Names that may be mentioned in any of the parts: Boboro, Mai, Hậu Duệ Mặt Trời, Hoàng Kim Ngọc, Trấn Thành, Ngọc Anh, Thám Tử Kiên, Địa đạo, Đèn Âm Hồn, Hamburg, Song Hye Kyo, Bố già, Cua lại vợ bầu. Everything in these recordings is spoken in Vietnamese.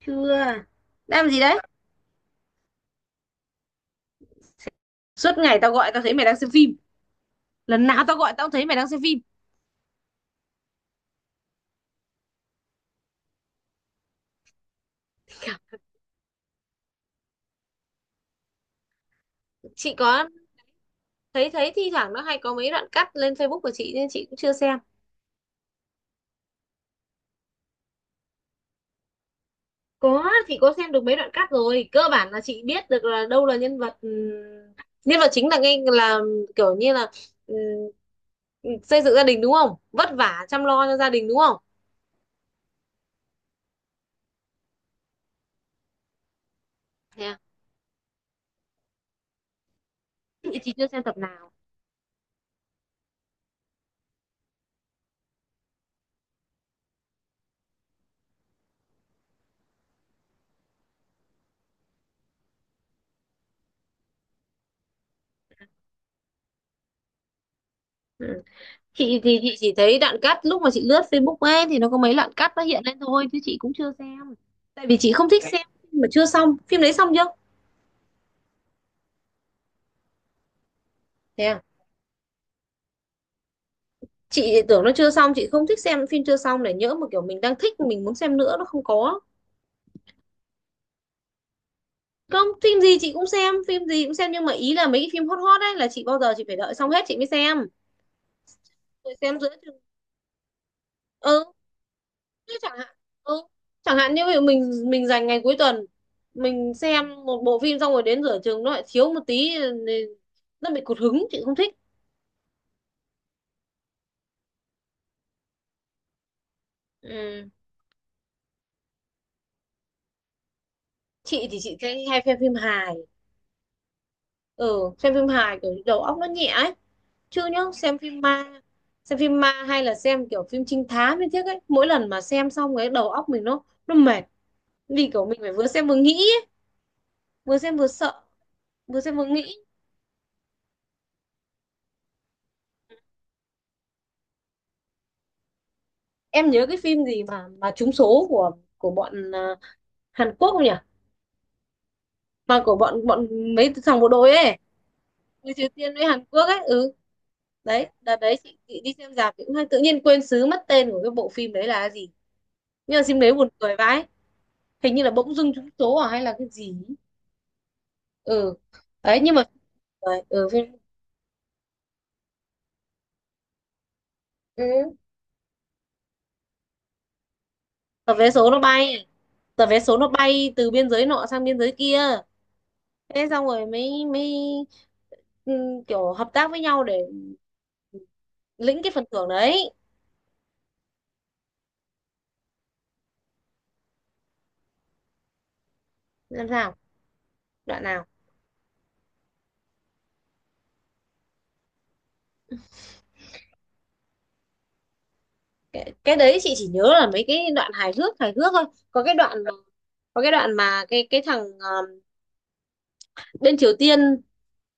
Chưa, đang làm gì đấy? Suốt ngày tao gọi tao thấy mày đang xem phim. Lần nào tao gọi tao cũng thấy mày đang xem phim. Chị có thấy thấy thi thoảng nó hay có mấy đoạn cắt lên Facebook của chị nên chị cũng chưa xem. Có, chị có xem được mấy đoạn cắt rồi, cơ bản là chị biết được là đâu là nhân vật, nhân vật chính là ngay là kiểu như là, ừm, xây dựng gia đình đúng không, vất vả chăm lo cho gia đình đúng không? Thế à? Chị chưa xem tập nào. Ừ. Chị thì chị chỉ thấy đoạn cắt lúc mà chị lướt Facebook ấy, thì nó có mấy đoạn cắt nó hiện lên thôi chứ chị cũng chưa xem. Tại vì chị không thích xem phim mà chưa xong. Phim đấy xong chưa? Thế à? Chị tưởng nó chưa xong. Chị không thích xem phim chưa xong để nhỡ mà kiểu mình đang thích mình muốn xem nữa nó không có. Không, phim gì chị cũng xem, phim gì cũng xem, nhưng mà ý là mấy cái phim hot hot ấy là chị bao giờ chị phải đợi xong hết chị mới xem, rồi xem giữa chừng. Ừ. Chứ chẳng hạn, ừ, chẳng hạn như ví dụ mình dành ngày cuối tuần mình xem một bộ phim xong rồi đến rửa chừng nó lại thiếu một tí, thì nó bị cụt hứng, chị không thích. Ừ, chị thì chị thấy hay xem phim hài. Ừ, xem phim hài kiểu đầu óc nó nhẹ ấy. Chứ nhá, xem phim ma, xem phim ma hay là xem kiểu phim trinh thám như thế ấy, mỗi lần mà xem xong cái đầu óc mình nó mệt, vì kiểu mình phải vừa xem vừa nghĩ ấy. Vừa xem vừa sợ, vừa xem vừa nghĩ. Em nhớ cái phim gì mà trúng số của bọn Hàn Quốc không nhỉ, mà của bọn bọn mấy thằng bộ đội ấy, người Triều Tiên với Hàn Quốc ấy. Ừ, đấy, đợt đấy chị đi xem rạp thì cũng hay, tự nhiên quên xứ mất tên của cái bộ phim đấy là gì, nhưng mà phim đấy buồn cười vãi. Hình như là Bỗng Dưng Trúng Số à hay là cái gì ấy. Ừ, đấy, nhưng mà đấy, ừ, phim. Ừ. Tờ vé số nó bay, tờ vé số nó bay từ biên giới nọ sang biên giới kia. Thế xong rồi mới mới ừ, kiểu hợp tác với nhau để lĩnh cái phần thưởng đấy. Làm sao? Đoạn nào? Cái đấy chị chỉ nhớ là mấy cái đoạn hài hước thôi. Có cái đoạn, có cái đoạn mà cái thằng bên Triều Tiên,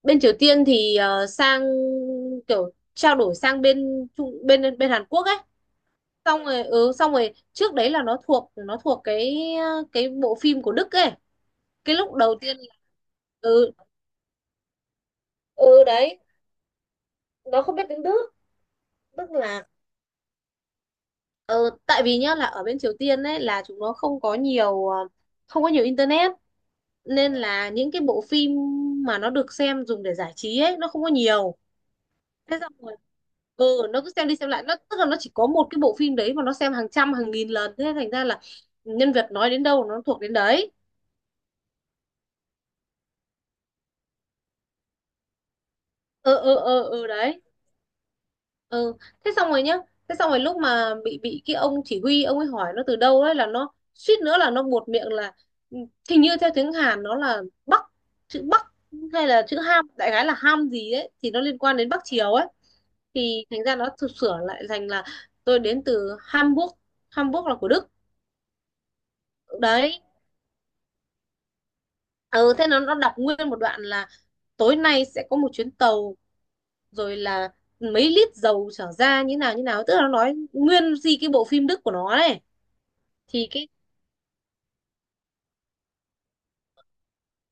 bên Triều Tiên thì sang, kiểu trao đổi sang bên bên Hàn Quốc ấy, xong rồi ừ, xong rồi trước đấy là nó thuộc, nó thuộc cái bộ phim của Đức ấy. Cái lúc đầu tiên là- Ừ. Ừ, đấy, nó không biết tiếng Đức. Tức là ừ, tại vì nhá, là ở bên Triều Tiên ấy là chúng nó không có nhiều không có nhiều internet, nên là những cái bộ phim mà nó được xem dùng để giải trí ấy nó không có nhiều. Thế xong rồi ừ, nó cứ xem đi xem lại, nó tức là nó chỉ có một cái bộ phim đấy mà nó xem hàng trăm hàng nghìn lần, thế thành ra là nhân vật nói đến đâu nó thuộc đến đấy. Ừ, ừ, ừ, ừ, đấy. Ừ, thế xong rồi nhá, thế xong rồi lúc mà bị cái ông chỉ huy ông ấy hỏi nó từ đâu ấy, là nó suýt nữa là nó buột miệng là ừ, hình như theo tiếng Hàn nó là Bắc, chữ Bắc hay là chữ Ham, đại khái là Ham gì ấy thì nó liên quan đến Bắc Triều ấy, thì thành ra nó thực sửa lại thành là tôi đến từ Hamburg. Hamburg là của Đức. Đấy. Ừ, thế nó đọc nguyên một đoạn là tối nay sẽ có một chuyến tàu, rồi là mấy lít dầu trở ra như nào như nào, tức là nó nói nguyên gì cái bộ phim Đức của nó đấy. Thì cái,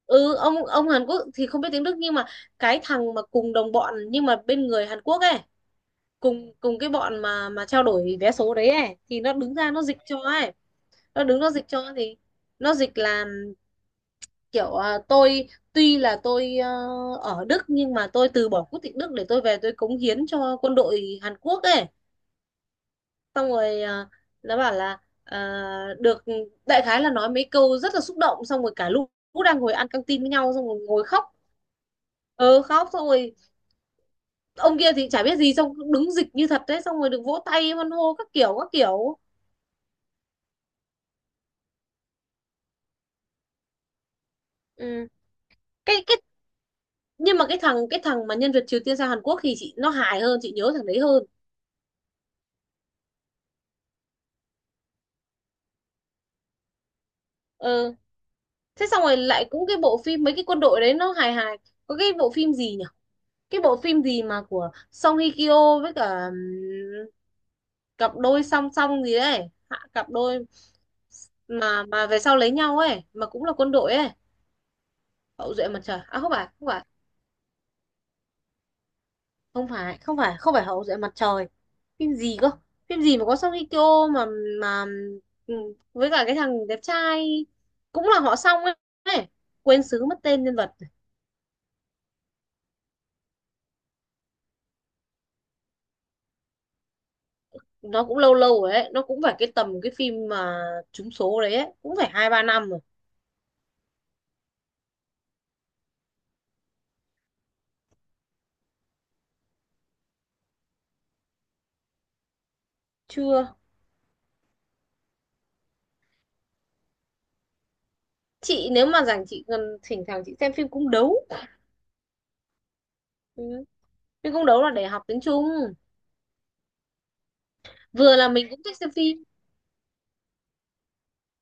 ừ, ông Hàn Quốc thì không biết tiếng Đức, nhưng mà cái thằng mà cùng đồng bọn nhưng mà bên người Hàn Quốc ấy, cùng cùng cái bọn mà trao đổi vé số đấy ấy, thì nó đứng ra nó dịch cho ấy. Nó đứng nó dịch cho, thì nó dịch là kiểu à, tôi tuy là tôi ở Đức nhưng mà tôi từ bỏ quốc tịch Đức để tôi về tôi cống hiến cho quân đội Hàn Quốc ấy. Xong rồi à, nó bảo là à, được, đại khái là nói mấy câu rất là xúc động, xong rồi cả lúc lũ đang ngồi ăn căng tin với nhau xong rồi ngồi khóc. Ờ, khóc xong rồi ông kia thì chả biết gì xong cứ đứng dịch như thật đấy, xong rồi được vỗ tay hoan hô các kiểu các kiểu. Ừ. cái nhưng mà cái thằng, cái thằng mà nhân vật Triều Tiên sang Hàn Quốc thì chị nó hài hơn, chị nhớ thằng đấy hơn. Ờ, thế xong rồi lại cũng cái bộ phim mấy cái quân đội đấy nó hài hài. Có cái bộ phim gì nhỉ? Cái bộ phim gì mà của Song Hye Kyo với cả, cặp đôi song song gì đấy, hạ cặp đôi, mà về sau lấy nhau ấy, mà cũng là quân đội ấy. Hậu Duệ Mặt Trời à? Không phải, không phải, không phải, không phải, không phải Hậu Duệ Mặt Trời. Phim gì cơ? Phim gì mà có Song Hye Kyo mà ừm, với cả cái thằng đẹp trai cũng là họ Song ấy, ấy. Quên xứ mất tên nhân vật. Nó cũng lâu lâu rồi ấy, nó cũng phải cái tầm cái phim mà trúng số đấy ấy, cũng phải hai ba năm rồi. Chưa. Chị nếu mà rảnh chị gần thỉnh thoảng chị xem phim cung đấu. Ừ. Phim cung đấu là để học tiếng Trung. Vừa là mình cũng thích xem phim,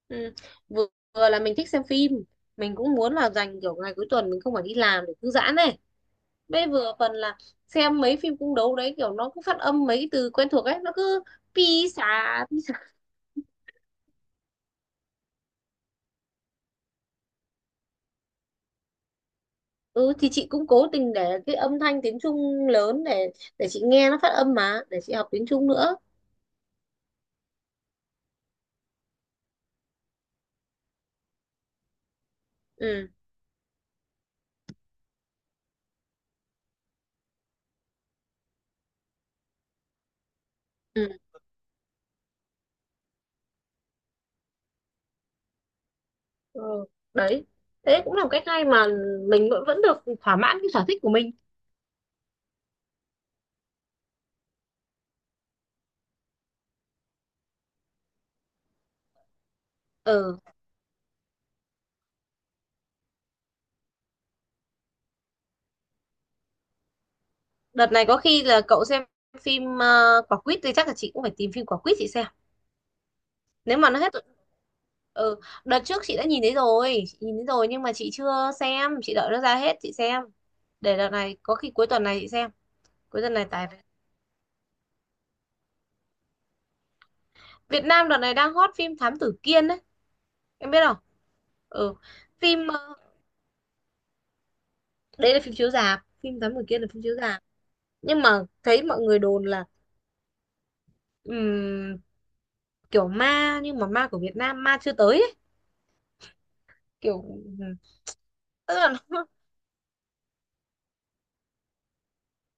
ừ, vừa, vừa là mình thích xem phim, mình cũng muốn là dành kiểu ngày cuối tuần mình không phải đi làm để thư giãn này, bây vừa phần là xem mấy phim cung đấu đấy, kiểu nó cứ phát âm mấy cái từ quen thuộc ấy nó cứ pi xà, pi xà. Ừ, thì chị cũng cố tình để cái âm thanh tiếng Trung lớn để chị nghe nó phát âm mà để chị học tiếng Trung nữa. Ừ. Ừ. Ừ, đấy, thế cũng là một cách hay mà mình vẫn vẫn được thỏa mãn cái sở thích của mình. Ừ, đợt này có khi là cậu xem phim quả quýt, thì chắc là chị cũng phải tìm phim quả quýt chị xem, nếu mà nó hết. Ừ, đợt trước chị đã nhìn thấy rồi, chị nhìn thấy rồi nhưng mà chị chưa xem, chị đợi nó ra hết chị xem. Để đợt này có khi cuối tuần này chị xem, cuối tuần này. Tại Việt Nam đợt này đang hot phim Thám Tử Kiên đấy, em biết không? Ừ, phim đấy là phim chiếu rạp, phim Thám Tử Kiên là phim chiếu rạp, nhưng mà thấy mọi người đồn là ừm, kiểu ma nhưng mà ma của Việt Nam, ma chưa tới ấy. Kiểu ừm, tức là nó,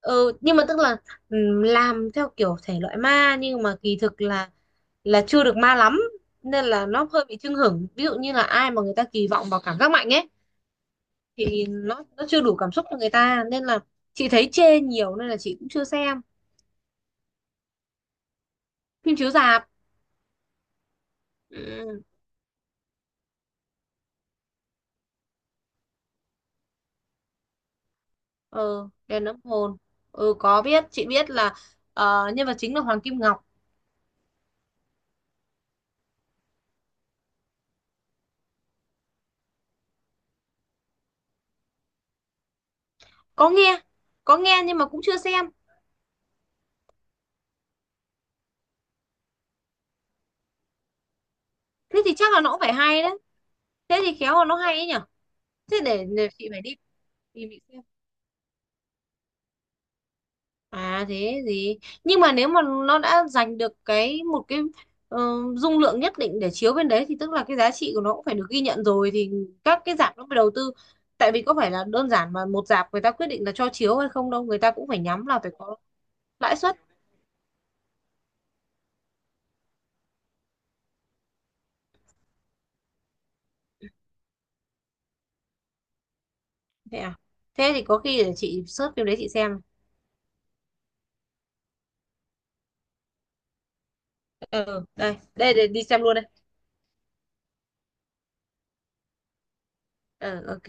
ừ, nhưng mà tức là làm theo kiểu thể loại ma nhưng mà kỳ thực là chưa được ma lắm, nên là nó hơi bị chưng hửng. Ví dụ như là ai mà người ta kỳ vọng vào cảm giác mạnh ấy thì nó chưa đủ cảm xúc cho người ta, nên là chị thấy chê nhiều nên là chị cũng chưa xem. Phim chiếu rạp. Ừ, ừ, đèn âm hồn. Ừ, có biết, chị biết là nhân vật chính là Hoàng Kim Ngọc. Có nghe, có nghe nhưng mà cũng chưa xem. Thế thì chắc là nó cũng phải hay đấy, thế thì khéo là nó hay ấy nhở. Thế để chị phải đi tìm chị xem. À thế gì, nhưng mà nếu mà nó đã giành được cái một cái ờ, dung lượng nhất định để chiếu bên đấy, thì tức là cái giá trị của nó cũng phải được ghi nhận rồi, thì các cái rạp nó mới đầu tư. Tại vì có phải là đơn giản mà một rạp người ta quyết định là cho chiếu hay không đâu, người ta cũng phải nhắm là phải có lãi suất. Thế à? Thế thì có khi để chị search phim đấy chị xem. Ừ, đây đây, để đi xem luôn đây. Ờ, ok.